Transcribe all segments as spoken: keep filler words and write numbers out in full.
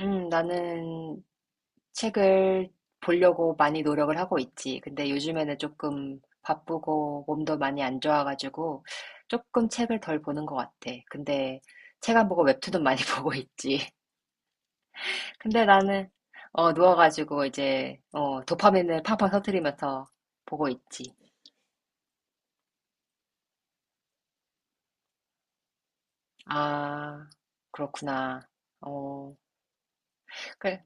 음, 나는 책을 보려고 많이 노력을 하고 있지. 근데 요즘에는 조금 바쁘고 몸도 많이 안 좋아가지고 조금 책을 덜 보는 것 같아. 근데 책 안 보고 웹툰은 많이 보고 있지. 근데 나는 어, 누워가지고 이제 어, 도파민을 팡팡 터뜨리면서 보고 있지. 아, 그렇구나. 어, 그래.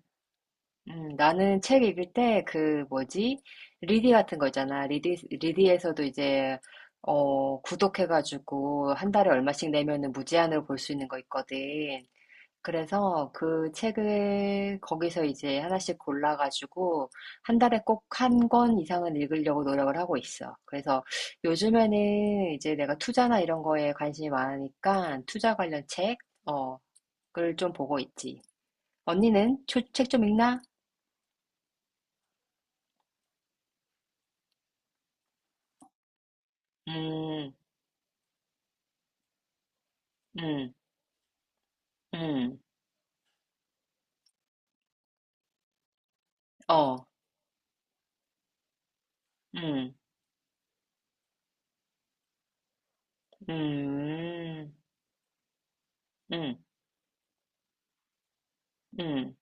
음, 나는 책 읽을 때 그 뭐지? 리디 같은 거 있잖아. 리디, 리디에서도 이제, 어, 구독해가지고 한 달에 얼마씩 내면은 무제한으로 볼 수 있는 거 있거든. 그래서 그 책을 거기서 이제 하나씩 골라가지고 한 달에 꼭 한 권 이상은 읽으려고 노력을 하고 있어. 그래서 요즘에는 이제 내가 투자나 이런 거에 관심이 많으니까 투자 관련 책, 어, 을좀 보고 있지. 언니는 책 좀 읽나? 음. 음, 음, 어, 음, 음, 음, 음,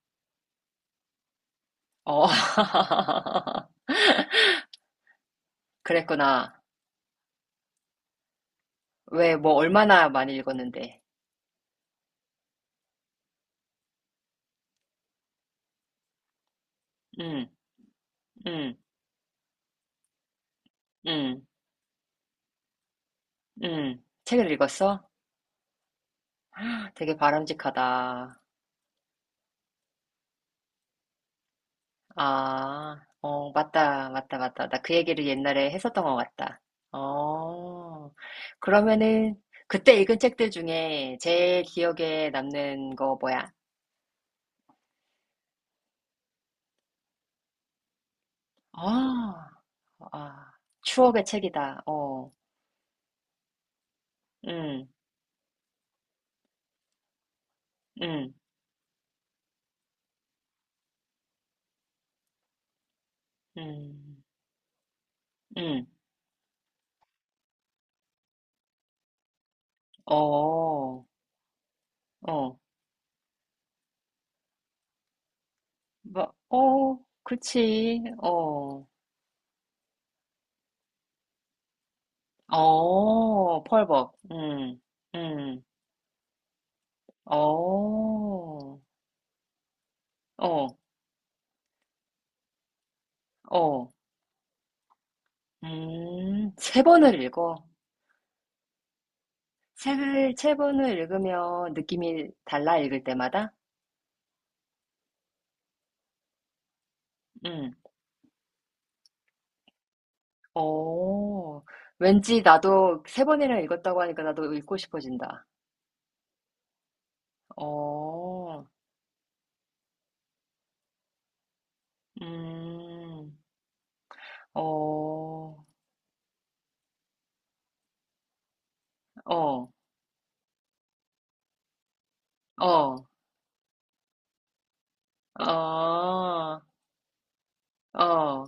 어. 그랬구나. 왜, 뭐, 얼마나 많이 읽었는데. 음, 음, 음, 음. 책을 읽었어? 되게 바람직하다. 아, 어, 맞다, 맞다, 맞다. 나 그 얘기를 옛날에 했었던 것 같다. 어, 그러면은, 그때 읽은 책들 중에 제일 기억에 남는 거 뭐야? 아, 아, 추억의 책이다. 어, 음, 음, 음, 음, 어, 어, 뭐, 어, 그치, 어, 어, 펄벅, 음, 음, 어, 어, 어, 음, 세 번을 읽어. 책을 세 번을 읽으면 느낌이 달라, 읽을 때마다? 음, 어, 왠지 나도 세 번이나 읽었다고 하니까 나도 읽고 싶어진다. 어, 음, 어, 어, 어, 어, 어,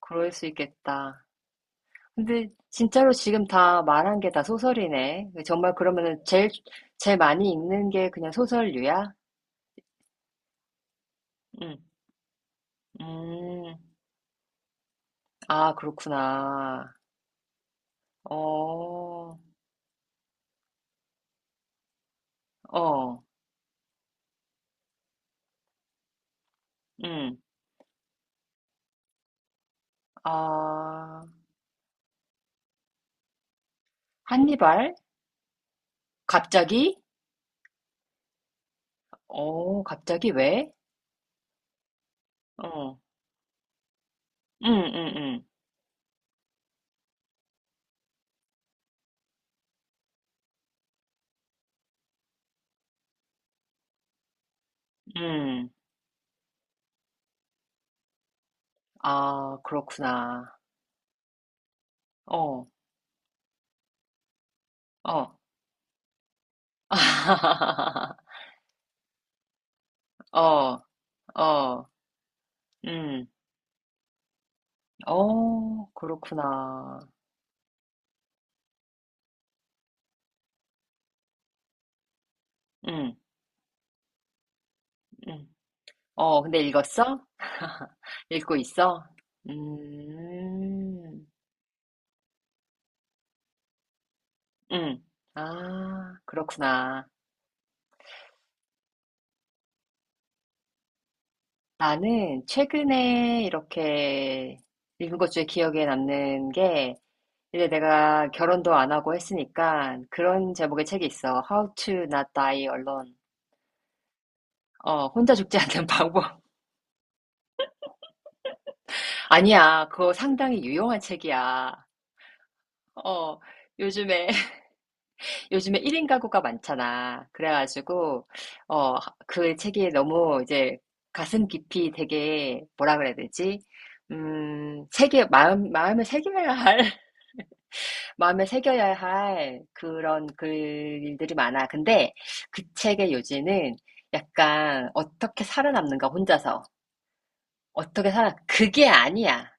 그럴 수 있겠다. 근데 진짜로 지금 다 말한 게 다 소설이네. 정말 그러면은 제일, 제일 많이 읽는 게 그냥 소설류야? 응, 음, 아, 그렇구나. 어, 어, 음, 아, 한니발? 갑자기? 어, 갑자기 왜? 어, 응, 응, 음, 음. 아, 그렇구나. 어, 어. 어, 어, 음, 어, 그렇구나. 음, 음. 어, 근데 읽었어? 읽고 있어? 음, 음. 아, 그렇구나. 나는 최근에 이렇게 읽은 것 중에 기억에 남는 게, 이제 내가 결혼도 안 하고 했으니까 그런 제목의 책이 있어. How to Not Die Alone. 어, 혼자 죽지 않는 방법. 아니야, 그거 상당히 유용한 책이야. 어, 요즘에, 요즘에 일 인 가구가 많잖아. 그래가지고, 어, 그 책이 너무 이제 가슴 깊이 되게, 뭐라 그래야 되지? 음, 새겨, 마음, 마음에 새겨야 할, 마음에 새겨야 할 그런 글들이 많아. 근데 그 책의 요지는 약간 어떻게 살아남는가, 혼자서. 어떻게 살아, 그게 아니야.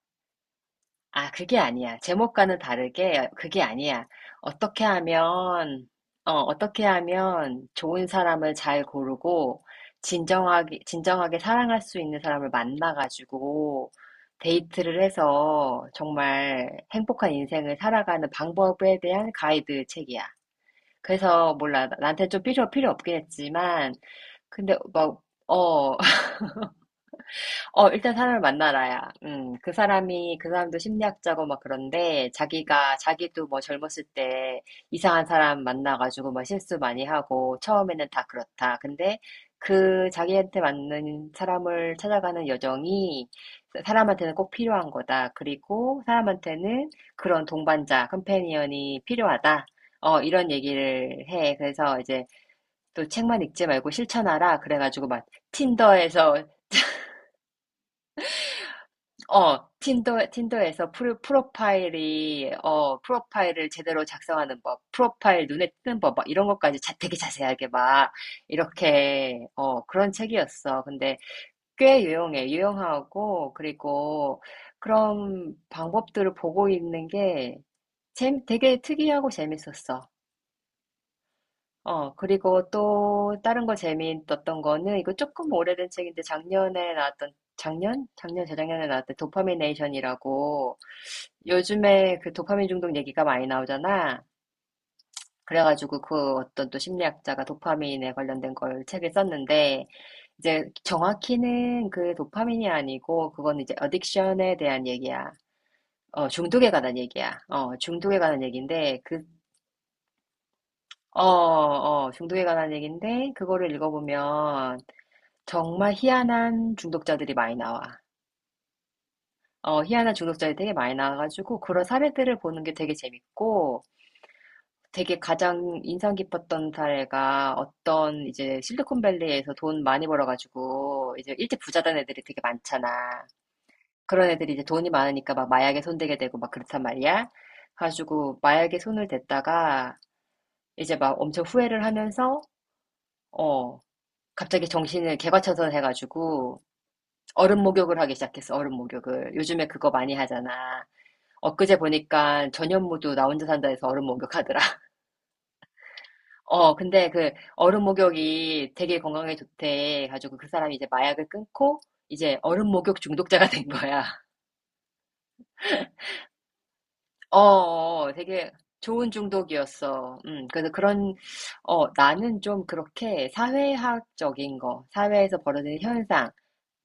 아, 그게 아니야. 제목과는 다르게 그게 아니야. 어떻게 하면, 어, 어떻게 하면 좋은 사람을 잘 고르고, 진정하게, 진정하게 사랑할 수 있는 사람을 만나가지고, 데이트를 해서 정말 행복한 인생을 살아가는 방법에 대한 가이드 책이야. 그래서 몰라. 나한테 좀 필요, 필요 없긴 했지만, 근데 막, 어, 어, 일단 사람을 만나라야. 음, 그 사람이, 그 사람도 심리학자고 막 그런데, 자기가, 자기도 뭐 젊었을 때 이상한 사람 만나가지고 막 실수 많이 하고, 처음에는 다 그렇다. 근데 그 자기한테 맞는 사람을 찾아가는 여정이 사람한테는 꼭 필요한 거다. 그리고 사람한테는 그런 동반자, 컴패니언이 필요하다. 어, 이런 얘기를 해. 그래서 이제 또 책만 읽지 말고 실천하라. 그래가지고 막 틴더에서 어, 틴더, 틴더에서 프로, 프로파일이, 어, 프로파일을 제대로 작성하는 법, 프로파일 눈에 띄는 법, 막 이런 것까지 자, 되게 자세하게 막, 이렇게, 어, 그런 책이었어. 근데 꽤 유용해. 유용하고, 그리고 그런 방법들을 보고 있는 게 재, 되게 특이하고 재밌었어. 어, 그리고 또 다른 거 재미있었던 거는 이거 조금 오래된 책인데 작년에 나왔던 작년? 작년, 재작년에 나왔던 도파미네이션이라고 요즘에 그 도파민 중독 얘기가 많이 나오잖아. 그래가지고 그 어떤 또 심리학자가 도파민에 관련된 걸 책에 썼는데 이제 정확히는 그 도파민이 아니고 그건 이제 어딕션에 대한 얘기야. 어, 중독에 관한 얘기야. 어, 중독에 관한 얘기인데 그, 어, 어, 중독에 관한 얘기인데 그거를 읽어보면 정말 희한한 중독자들이 많이 나와. 어, 희한한 중독자들이 되게 많이 나와가지고 그런 사례들을 보는 게 되게 재밌고 되게 가장 인상 깊었던 사례가 어떤 이제 실리콘밸리에서 돈 많이 벌어가지고 이제 일찍 부자 된 애들이 되게 많잖아. 그런 애들이 이제 돈이 많으니까 막 마약에 손대게 되고 막 그렇단 말이야. 가지고 마약에 손을 댔다가 이제 막 엄청 후회를 하면서 어, 갑자기 정신을 개과천선 해가지고 얼음 목욕을 하기 시작했어, 얼음 목욕을. 요즘에 그거 많이 하잖아. 엊그제 보니까 전현무도 나 혼자 산다 해서 얼음 목욕하더라. 어, 근데 그 얼음 목욕이 되게 건강에 좋대. 가지고 그 사람이 이제 마약을 끊고 이제 얼음 목욕 중독자가 된 거야. 어, 어, 되게 좋은 중독이었어. 음, 그래서 그런, 어, 나는 좀 그렇게 사회학적인 거, 사회에서 벌어지는 현상,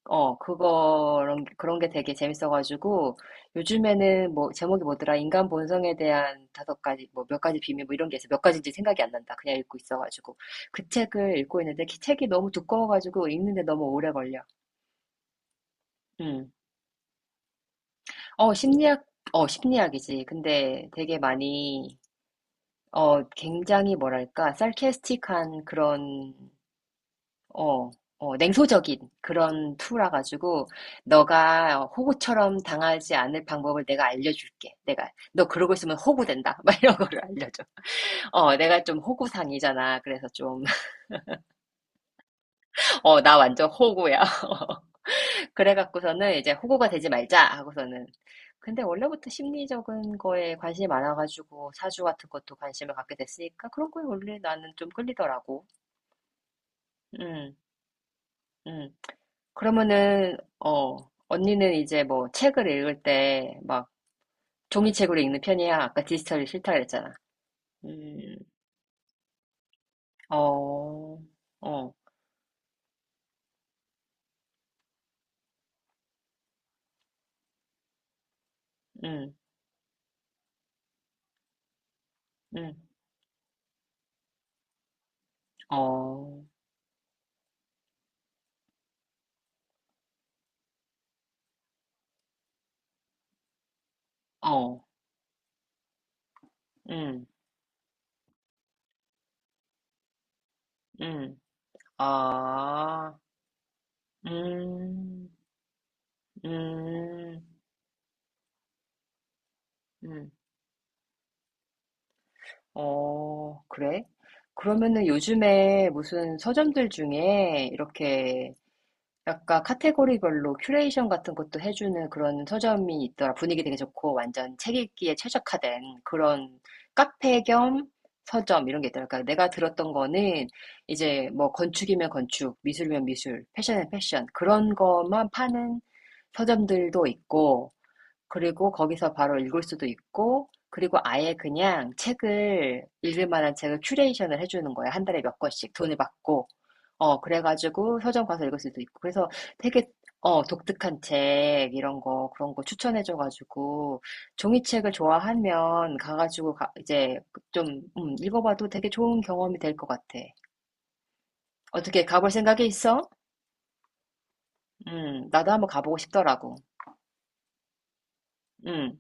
어, 그거 그런 게 되게 재밌어가지고, 요즘에는 뭐, 제목이 뭐더라, 인간 본성에 대한 다섯 가지, 뭐, 몇 가지 비밀, 뭐, 이런 게 있어. 몇 가지인지 생각이 안 난다. 그냥 읽고 있어가지고. 그 책을 읽고 있는데, 그 책이 너무 두꺼워가지고, 읽는데 너무 오래 걸려. 음. 어, 심리학, 어, 심리학이지. 근데 되게 많이, 어, 굉장히 뭐랄까, sarcastic한 그런 어, 어, 냉소적인 그런 투라 가지고 너가 호구처럼 당하지 않을 방법을 내가 알려줄게. 내가 너 그러고 있으면 호구된다. 막 이런 거를 알려줘. 어, 내가 좀 호구상이잖아. 그래서 좀, 어, 나 완전 호구야. 그래갖고서는 이제 호구가 되지 말자 하고서는. 근데 원래부터 심리적인 거에 관심이 많아가지고 사주 같은 것도 관심을 갖게 됐으니까 그런 거에 원래 나는 좀 끌리더라고. 음, 음. 그러면은, 어, 언니는 이제 뭐 책을 읽을 때 막 종이책으로 읽는 편이야. 아까 디지털이 싫다 그랬잖아. 음, 어, 어, 음, 음, 어, 어, 음, 음, 아, 음, 음, 음, 어, 그래? 그러면은 요즘에 무슨 서점들 중에 이렇게 약간 카테고리별로 큐레이션 같은 것도 해주는 그런 서점이 있더라. 분위기 되게 좋고 완전 책 읽기에 최적화된 그런 카페 겸 서점 이런 게 있더라. 그러니까 내가 들었던 거는 이제 뭐 건축이면 건축, 미술이면 미술, 패션이면 패션 그런 것만 파는 서점들도 있고 그리고 거기서 바로 읽을 수도 있고, 그리고 아예 그냥 책을, 읽을 만한 책을 큐레이션을 해주는 거예요. 한 달에 몇 권씩 돈을 받고. 어, 그래가지고 서점 가서 읽을 수도 있고. 그래서 되게, 어, 독특한 책, 이런 거, 그런 거 추천해줘가지고, 종이책을 좋아하면 가가지고, 가- 이제 좀, 음, 읽어봐도 되게 좋은 경험이 될 것 같아. 어떻게 가볼 생각이 있어? 음, 나도 한번 가보고 싶더라고. 음.